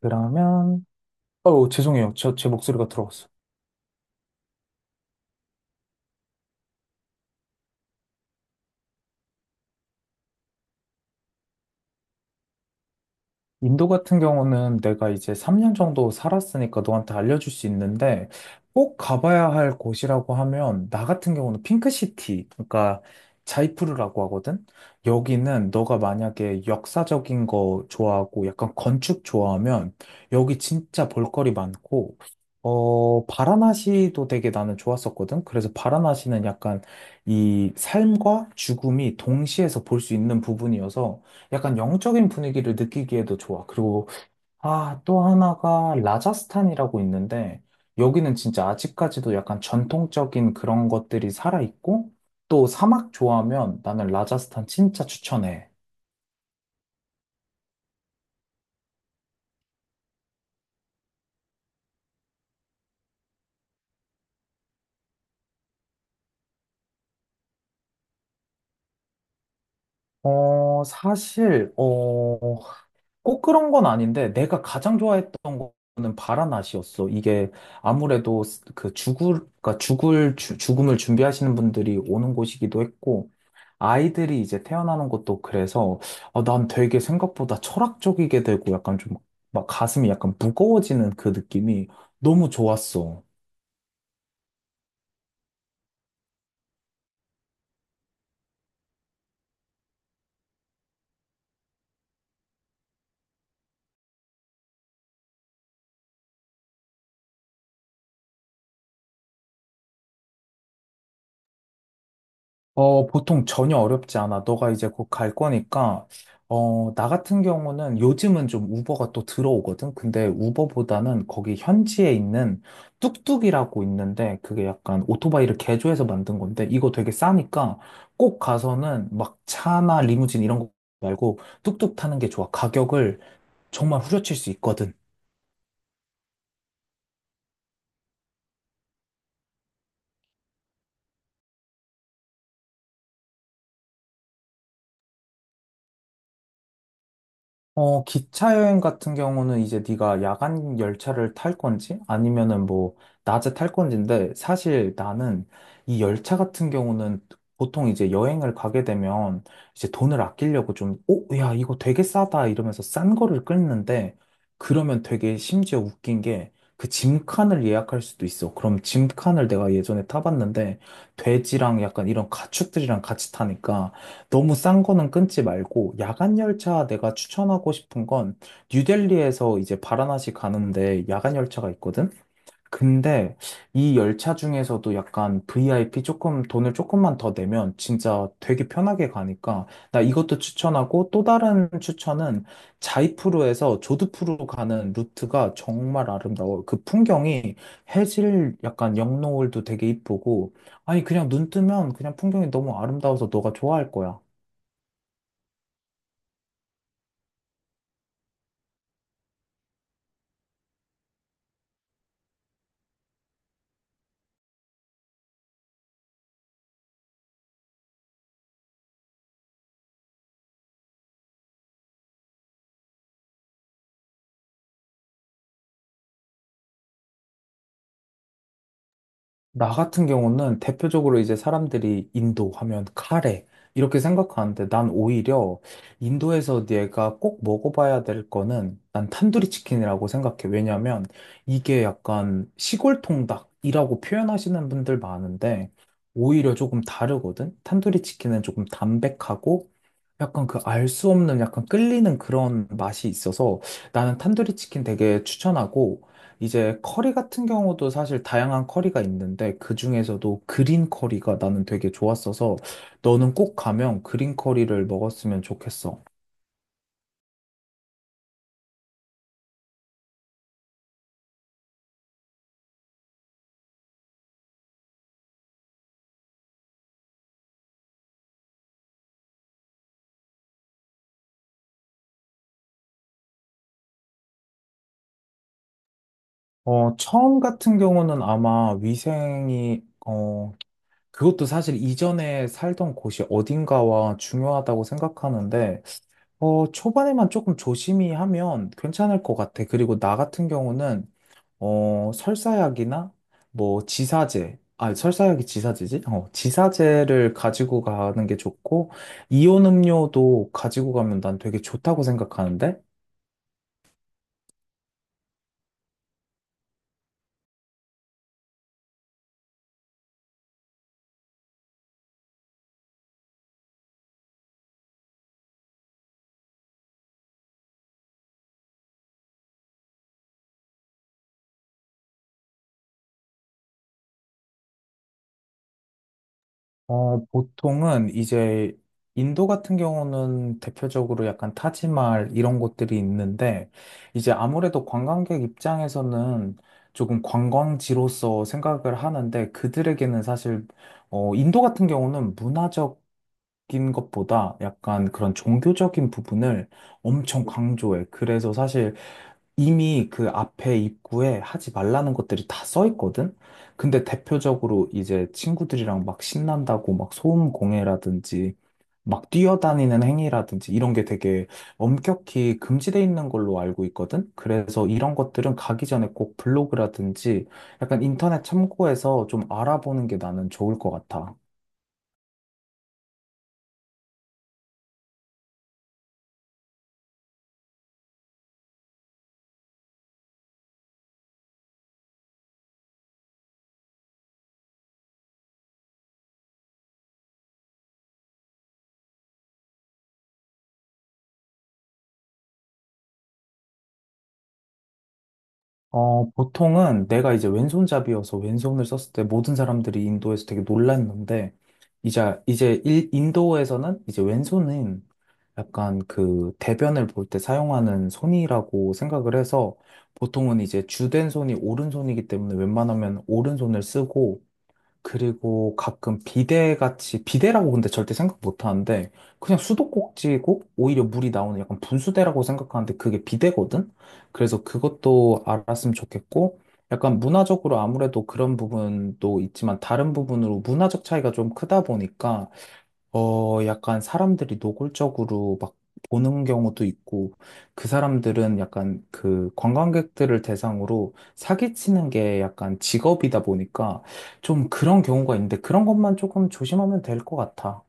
그러면, 죄송해요. 제 목소리가 들어갔어요. 인도 같은 경우는 내가 이제 3년 정도 살았으니까 너한테 알려줄 수 있는데 꼭 가봐야 할 곳이라고 하면 나 같은 경우는 핑크시티, 그러니까 자이푸르라고 하거든? 여기는 너가 만약에 역사적인 거 좋아하고 약간 건축 좋아하면 여기 진짜 볼거리 많고 바라나시도 되게 나는 좋았었거든? 그래서 바라나시는 약간 이 삶과 죽음이 동시에서 볼 수 있는 부분이어서 약간 영적인 분위기를 느끼기에도 좋아. 그리고, 또 하나가 라자스탄이라고 있는데, 여기는 진짜 아직까지도 약간 전통적인 그런 것들이 살아있고, 또 사막 좋아하면 나는 라자스탄 진짜 추천해. 사실, 꼭 그런 건 아닌데 내가 가장 좋아했던 거는 바라낫이었어. 이게 아무래도 그 죽을 그러니까 죽음을 준비하시는 분들이 오는 곳이기도 했고 아이들이 이제 태어나는 것도 그래서 난 되게 생각보다 철학적이게 되고 약간 좀 막 가슴이 약간 무거워지는 그 느낌이 너무 좋았어. 보통 전혀 어렵지 않아. 너가 이제 곧 갈 거니까, 나 같은 경우는 요즘은 좀 우버가 또 들어오거든. 근데 우버보다는 거기 현지에 있는 뚝뚝이라고 있는데, 그게 약간 오토바이를 개조해서 만든 건데, 이거 되게 싸니까 꼭 가서는 막 차나 리무진 이런 거 말고 뚝뚝 타는 게 좋아. 가격을 정말 후려칠 수 있거든. 기차 여행 같은 경우는 이제 네가 야간 열차를 탈 건지 아니면은 뭐 낮에 탈 건지인데 사실 나는 이 열차 같은 경우는 보통 이제 여행을 가게 되면 이제 돈을 아끼려고 좀, 오, 야, 이거 되게 싸다 이러면서 싼 거를 끊는데 그러면 되게 심지어 웃긴 게 그 짐칸을 예약할 수도 있어. 그럼 짐칸을 내가 예전에 타봤는데 돼지랑 약간 이런 가축들이랑 같이 타니까 너무 싼 거는 끊지 말고 야간 열차 내가 추천하고 싶은 건 뉴델리에서 이제 바라나시 가는데 야간 열차가 있거든. 근데 이 열차 중에서도 약간 VIP 조금 돈을 조금만 더 내면 진짜 되게 편하게 가니까 나 이것도 추천하고 또 다른 추천은 자이프로에서 조드푸르 가는 루트가 정말 아름다워. 그 풍경이 해질 약간 영노을도 되게 이쁘고 아니 그냥 눈 뜨면 그냥 풍경이 너무 아름다워서 너가 좋아할 거야. 나 같은 경우는 대표적으로 이제 사람들이 인도 하면 카레 이렇게 생각하는데 난 오히려 인도에서 내가 꼭 먹어봐야 될 거는 난 탄두리 치킨이라고 생각해. 왜냐면 이게 약간 시골 통닭이라고 표현하시는 분들 많은데 오히려 조금 다르거든. 탄두리 치킨은 조금 담백하고 약간 그 알 수 없는 약간 끌리는 그런 맛이 있어서 나는 탄두리 치킨 되게 추천하고 이제 커리 같은 경우도 사실 다양한 커리가 있는데 그 중에서도 그린 커리가 나는 되게 좋았어서 너는 꼭 가면 그린 커리를 먹었으면 좋겠어. 처음 같은 경우는 아마 위생이, 그것도 사실 이전에 살던 곳이 어딘가와 중요하다고 생각하는데, 초반에만 조금 조심히 하면 괜찮을 것 같아. 그리고 나 같은 경우는 설사약이나 뭐 지사제, 설사약이 지사제지? 지사제를 가지고 가는 게 좋고, 이온 음료도 가지고 가면 난 되게 좋다고 생각하는데, 보통은 이제 인도 같은 경우는 대표적으로 약간 타지말 이런 곳들이 있는데 이제 아무래도 관광객 입장에서는 조금 관광지로서 생각을 하는데 그들에게는 사실 인도 같은 경우는 문화적 인 것보다 약간 그런 종교적인 부분을 엄청 강조해. 그래서 사실 이미 그 앞에 입구에 하지 말라는 것들이 다 써 있거든? 근데 대표적으로 이제 친구들이랑 막 신난다고 막 소음 공해라든지 막 뛰어다니는 행위라든지 이런 게 되게 엄격히 금지돼 있는 걸로 알고 있거든? 그래서 이런 것들은 가기 전에 꼭 블로그라든지 약간 인터넷 참고해서 좀 알아보는 게 나는 좋을 것 같아. 보통은 내가 이제 왼손잡이여서 왼손을 썼을 때 모든 사람들이 인도에서 되게 놀랐는데, 이제 인도에서는 이제 왼손은 약간 그 대변을 볼 때 사용하는 손이라고 생각을 해서 보통은 이제 주된 손이 오른손이기 때문에 웬만하면 오른손을 쓰고, 그리고 가끔 비대같이, 비대라고 근데 절대 생각 못 하는데, 그냥 수도꼭지고, 오히려 물이 나오는 약간 분수대라고 생각하는데, 그게 비대거든? 그래서 그것도 알았으면 좋겠고, 약간 문화적으로 아무래도 그런 부분도 있지만, 다른 부분으로 문화적 차이가 좀 크다 보니까, 약간 사람들이 노골적으로 막 보는 경우도 있고, 그 사람들은 약간 그 관광객들을 대상으로 사기치는 게 약간 직업이다 보니까 좀 그런 경우가 있는데 그런 것만 조금 조심하면 될 것 같아.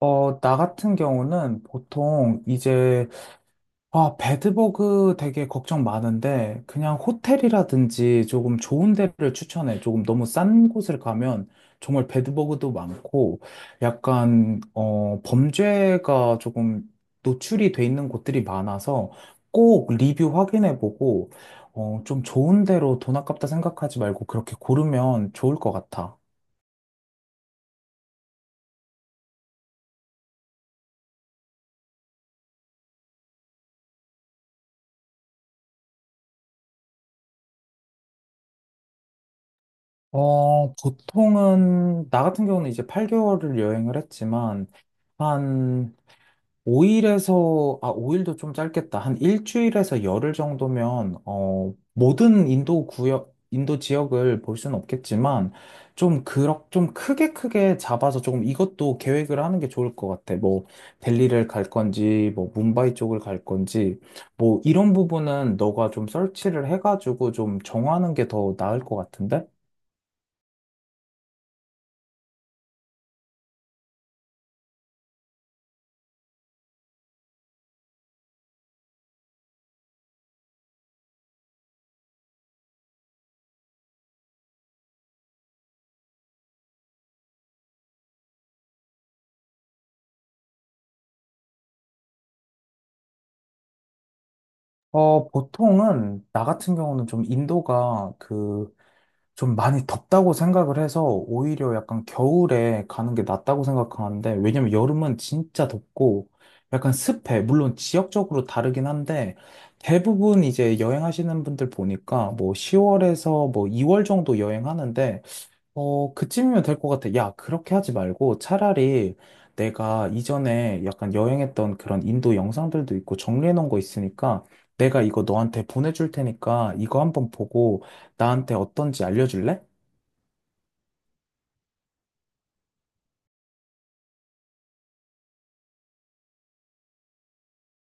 나 같은 경우는 보통 이제 배드버그 되게 걱정 많은데, 그냥 호텔이라든지 조금 좋은 데를 추천해. 조금 너무 싼 곳을 가면 정말 배드버그도 많고, 약간, 범죄가 조금 노출이 돼 있는 곳들이 많아서 꼭 리뷰 확인해 보고, 좀 좋은 데로 돈 아깝다 생각하지 말고 그렇게 고르면 좋을 것 같아. 보통은, 나 같은 경우는 이제 8개월을 여행을 했지만, 한 5일에서, 5일도 좀 짧겠다. 한 일주일에서 열흘 정도면, 모든 인도 구역, 인도 지역을 볼 수는 없겠지만, 좀, 좀 크게 크게 잡아서 조금 이것도 계획을 하는 게 좋을 것 같아. 뭐, 델리를 갈 건지, 뭐, 뭄바이 쪽을 갈 건지, 뭐, 이런 부분은 너가 좀 서치를 해가지고 좀 정하는 게 더 나을 것 같은데? 보통은, 나 같은 경우는 좀 인도가 그, 좀 많이 덥다고 생각을 해서 오히려 약간 겨울에 가는 게 낫다고 생각하는데 왜냐면 여름은 진짜 덥고 약간 습해. 물론 지역적으로 다르긴 한데 대부분 이제 여행하시는 분들 보니까 뭐 10월에서 뭐 2월 정도 여행하는데 그쯤이면 될 것 같아. 야, 그렇게 하지 말고 차라리 내가 이전에 약간 여행했던 그런 인도 영상들도 있고 정리해 놓은 거 있으니까 내가 이거 너한테 보내줄 테니까 이거 한번 보고 나한테 어떤지 알려줄래?